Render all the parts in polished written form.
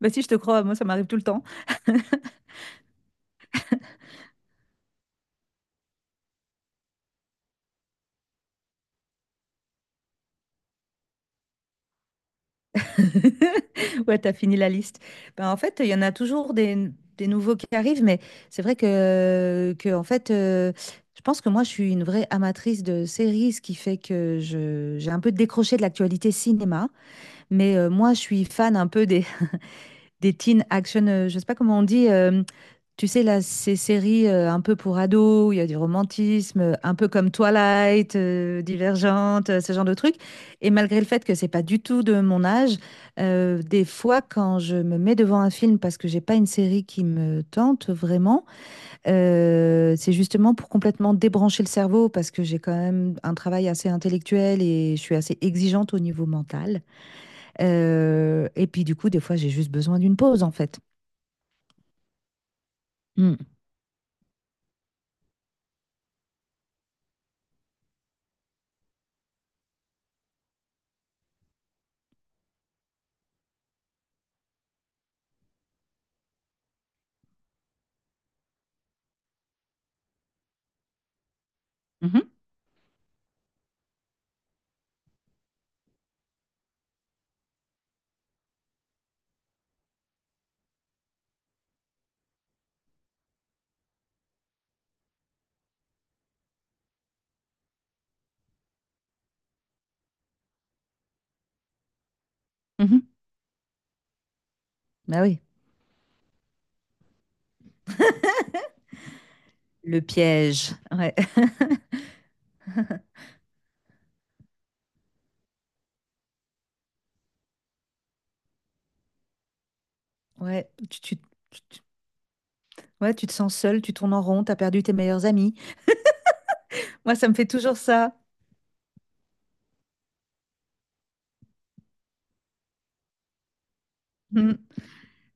Bah si, je te crois, moi ça m'arrive tout le temps. Ouais, t'as fini la liste. Ben, en fait, il y en a toujours des nouveaux qui arrivent, mais c'est vrai que, que en fait, je pense que moi je suis une vraie amatrice de séries, ce qui fait que j'ai un peu décroché de l'actualité cinéma. Mais moi, je suis fan un peu des teen action, je sais pas comment on dit, tu sais, là, ces séries un peu pour ados, où il y a du romantisme, un peu comme Twilight, Divergente, ce genre de trucs. Et malgré le fait que c'est pas du tout de mon âge, des fois, quand je me mets devant un film parce que j'ai pas une série qui me tente vraiment, c'est justement pour complètement débrancher le cerveau parce que j'ai quand même un travail assez intellectuel et je suis assez exigeante au niveau mental. Et puis, du coup, des fois, j'ai juste besoin d'une pause, en fait. Mm. Mhm. Mhm. Bah oui. Le piège. Ouais. Ouais, tu- tu- ouais, tu te sens seul, tu tournes en rond, t'as perdu tes meilleurs amis. Moi, ça me fait toujours ça. Mm.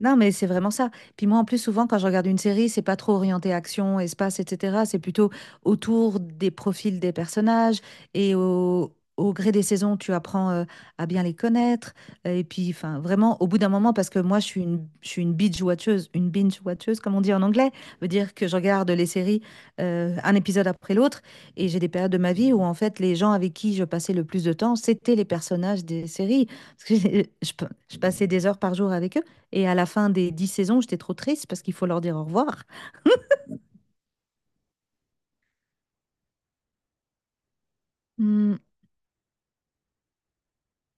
Non, mais c'est vraiment ça. Puis moi, en plus, souvent, quand je regarde une série, c'est pas trop orienté action, espace, etc. C'est plutôt autour des profils des personnages et au gré des saisons, tu apprends à bien les connaître. Et puis, enfin, vraiment, au bout d'un moment, parce que moi, je suis une binge-watcheuse, une binge-watcheuse, comme on dit en anglais, veut dire que je regarde les séries un épisode après l'autre. Et j'ai des périodes de ma vie où, en fait, les gens avec qui je passais le plus de temps, c'était les personnages des séries. Parce que je je passais des heures par jour avec eux. Et à la fin des 10 saisons, j'étais trop triste parce qu'il faut leur dire au revoir. Mm,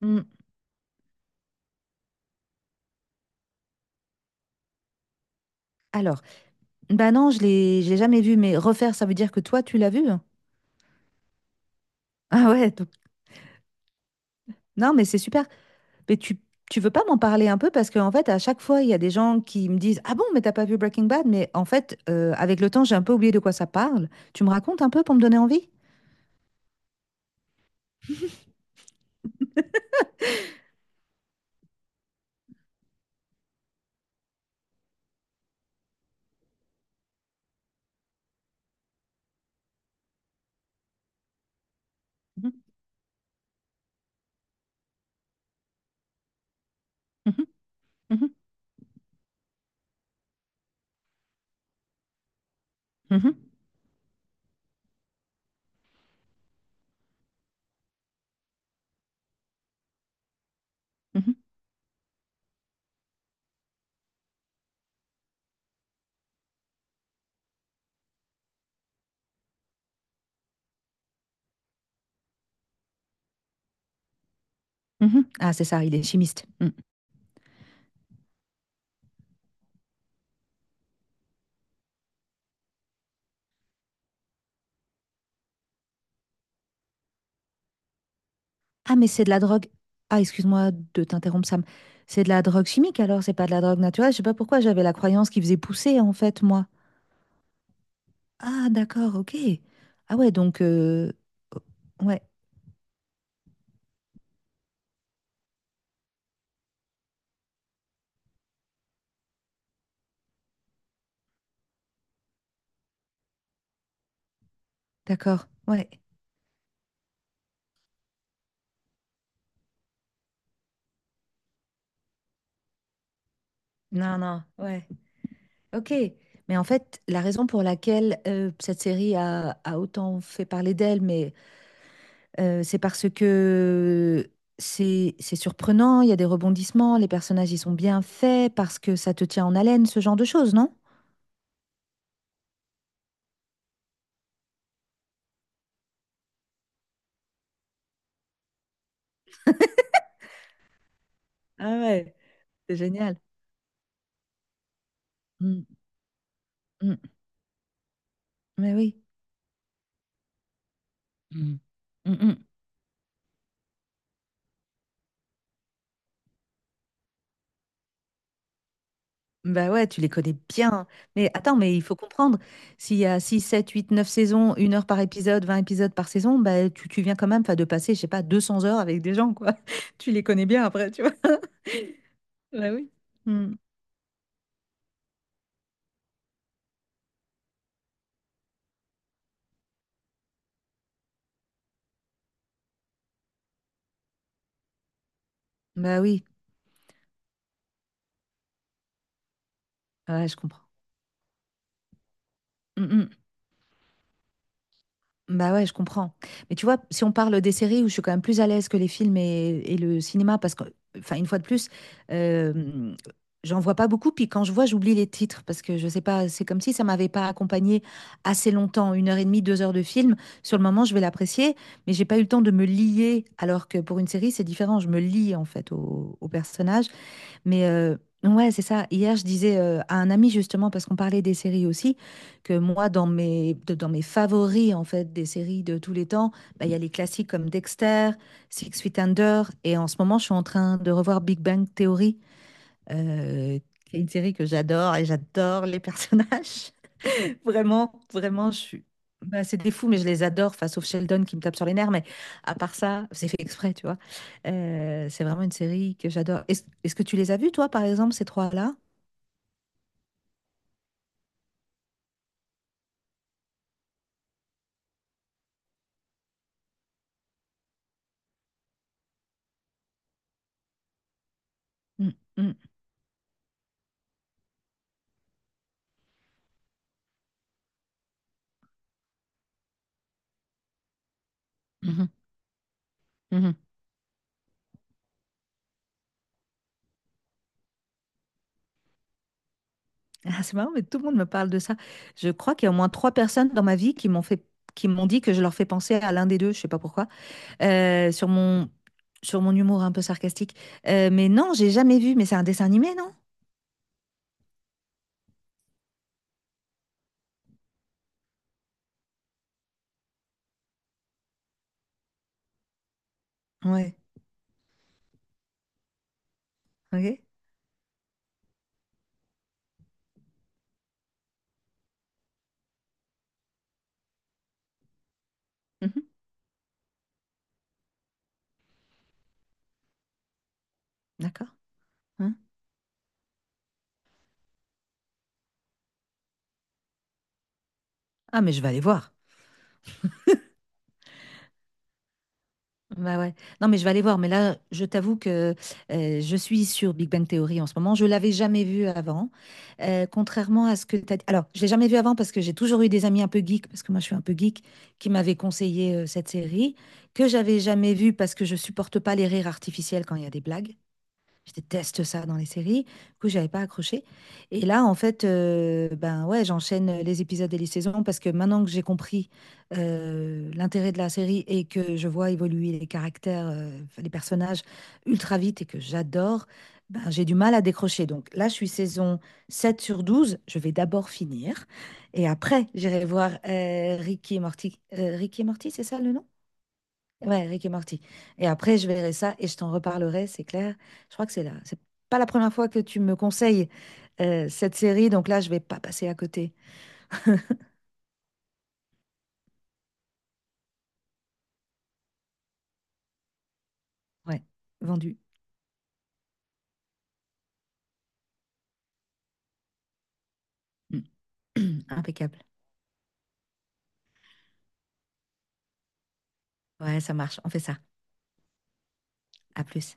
mm. Alors, bah non, je l'ai jamais vu, mais refaire, ça veut dire que toi, tu l'as vu? Ah ouais, non, mais c'est super. Mais tu veux pas m'en parler un peu parce qu'en fait, à chaque fois, il y a des gens qui me disent, ah bon, mais t'as pas vu Breaking Bad? Mais en fait, avec le temps, j'ai un peu oublié de quoi ça parle. Tu me racontes un peu pour me donner envie? Mhm, mhm. Mhm, mhm, mhm, mhm. Ah, c'est ça, il est chimiste. Mm. Ah, mais c'est de la drogue. Ah, excuse-moi de t'interrompre, Sam. C'est de la drogue chimique alors, c'est pas de la drogue naturelle. Je sais pas pourquoi j'avais la croyance qu'il faisait pousser en fait, moi. Ah, d'accord, ok. Ah ouais, oh, ouais, d'accord, ouais. Non, non, ouais, ok. Mais en fait, la raison pour laquelle cette série a autant fait parler d'elle, mais c'est parce que c'est surprenant, il y a des rebondissements, les personnages ils sont bien faits parce que ça te tient en haleine, ce genre de choses, non? Ah ouais, c'est génial. Mm, mm, mais oui. Mm, mm, mm. Bah ouais, tu les connais bien. Mais attends, mais il faut comprendre, s'il y a 6, 7, 8, 9 saisons, 1 heure par épisode, 20 épisodes par saison, bah tu viens quand même 'fin, de passer, je sais pas, 200 heures avec des gens, quoi. Tu les connais bien après, tu vois. Bah oui. Mm. Bah oui, ouais, je comprends. Mm, mm. Bah ouais, je comprends. Mais tu vois, si on parle des séries où je suis quand même plus à l'aise que les films et le cinéma, parce que, enfin, une fois de plus, euh, j'en vois pas beaucoup. Puis quand je vois, j'oublie les titres parce que je sais pas, c'est comme si ça m'avait pas accompagné assez longtemps, 1 heure et demie, 2 heures de film. Sur le moment, je vais l'apprécier, mais j'ai pas eu le temps de me lier. Alors que pour une série, c'est différent. Je me lie en fait au personnage. Mais ouais, c'est ça. Hier, je disais à un ami justement, parce qu'on parlait des séries aussi, que moi, dans mes favoris en fait des séries de tous les temps, bah, il y a les classiques comme Dexter, Six Feet Under, et en ce moment, je suis en train de revoir Big Bang Theory, euh, qui est une série que j'adore et j'adore les personnages. Vraiment, vraiment, je suis. Bah, c'est des fous, mais je les adore, enfin, sauf Sheldon qui me tape sur les nerfs. Mais à part ça, c'est fait exprès, tu vois. C'est vraiment une série que j'adore. Est-ce que tu les as vus, toi, par exemple, ces trois-là? Mm, mm, mhm, mhm. Ah, c'est marrant, mais tout le monde me parle de ça. Je crois qu'il y a au moins trois personnes dans ma vie qui m'ont fait, qui m'ont dit que je leur fais penser à l'un des deux, je sais pas pourquoi, euh, sur mon, sur mon humour un peu sarcastique. Mais non, j'ai jamais vu, mais c'est un dessin animé, non? Ouais, ok. Mhm, d'accord. Hein. Ah, mais je vais aller voir. Bah ouais. Non, mais je vais aller voir. Mais là, je t'avoue que je suis sur Big Bang Theory en ce moment. Je l'avais jamais vu avant. Contrairement à ce que tu as dit. Alors, je l'ai jamais vu avant parce que j'ai toujours eu des amis un peu geeks, parce que moi, je suis un peu geek, qui m'avaient conseillé cette série, que j'avais jamais vue parce que je supporte pas les rires artificiels quand il y a des blagues. Je déteste ça dans les séries. Du coup, j'avais pas accroché. Et là, en fait, ben ouais, j'enchaîne les épisodes et les saisons parce que maintenant que j'ai compris l'intérêt de la série et que je vois évoluer les caractères, les personnages ultra vite et que j'adore, ben j'ai du mal à décrocher. Donc là, je suis saison 7 sur 12. Je vais d'abord finir et après, j'irai voir Ricky et Morty. Ricky et Morty, c'est ça le nom? Ouais, Rick et Morty. Et après, je verrai ça et je t'en reparlerai, c'est clair. Je crois que c'est là. C'est pas la première fois que tu me conseilles cette série, donc là, je vais pas passer à côté. Ouais, vendu. Impeccable. Ouais, ça marche. On fait ça. À plus.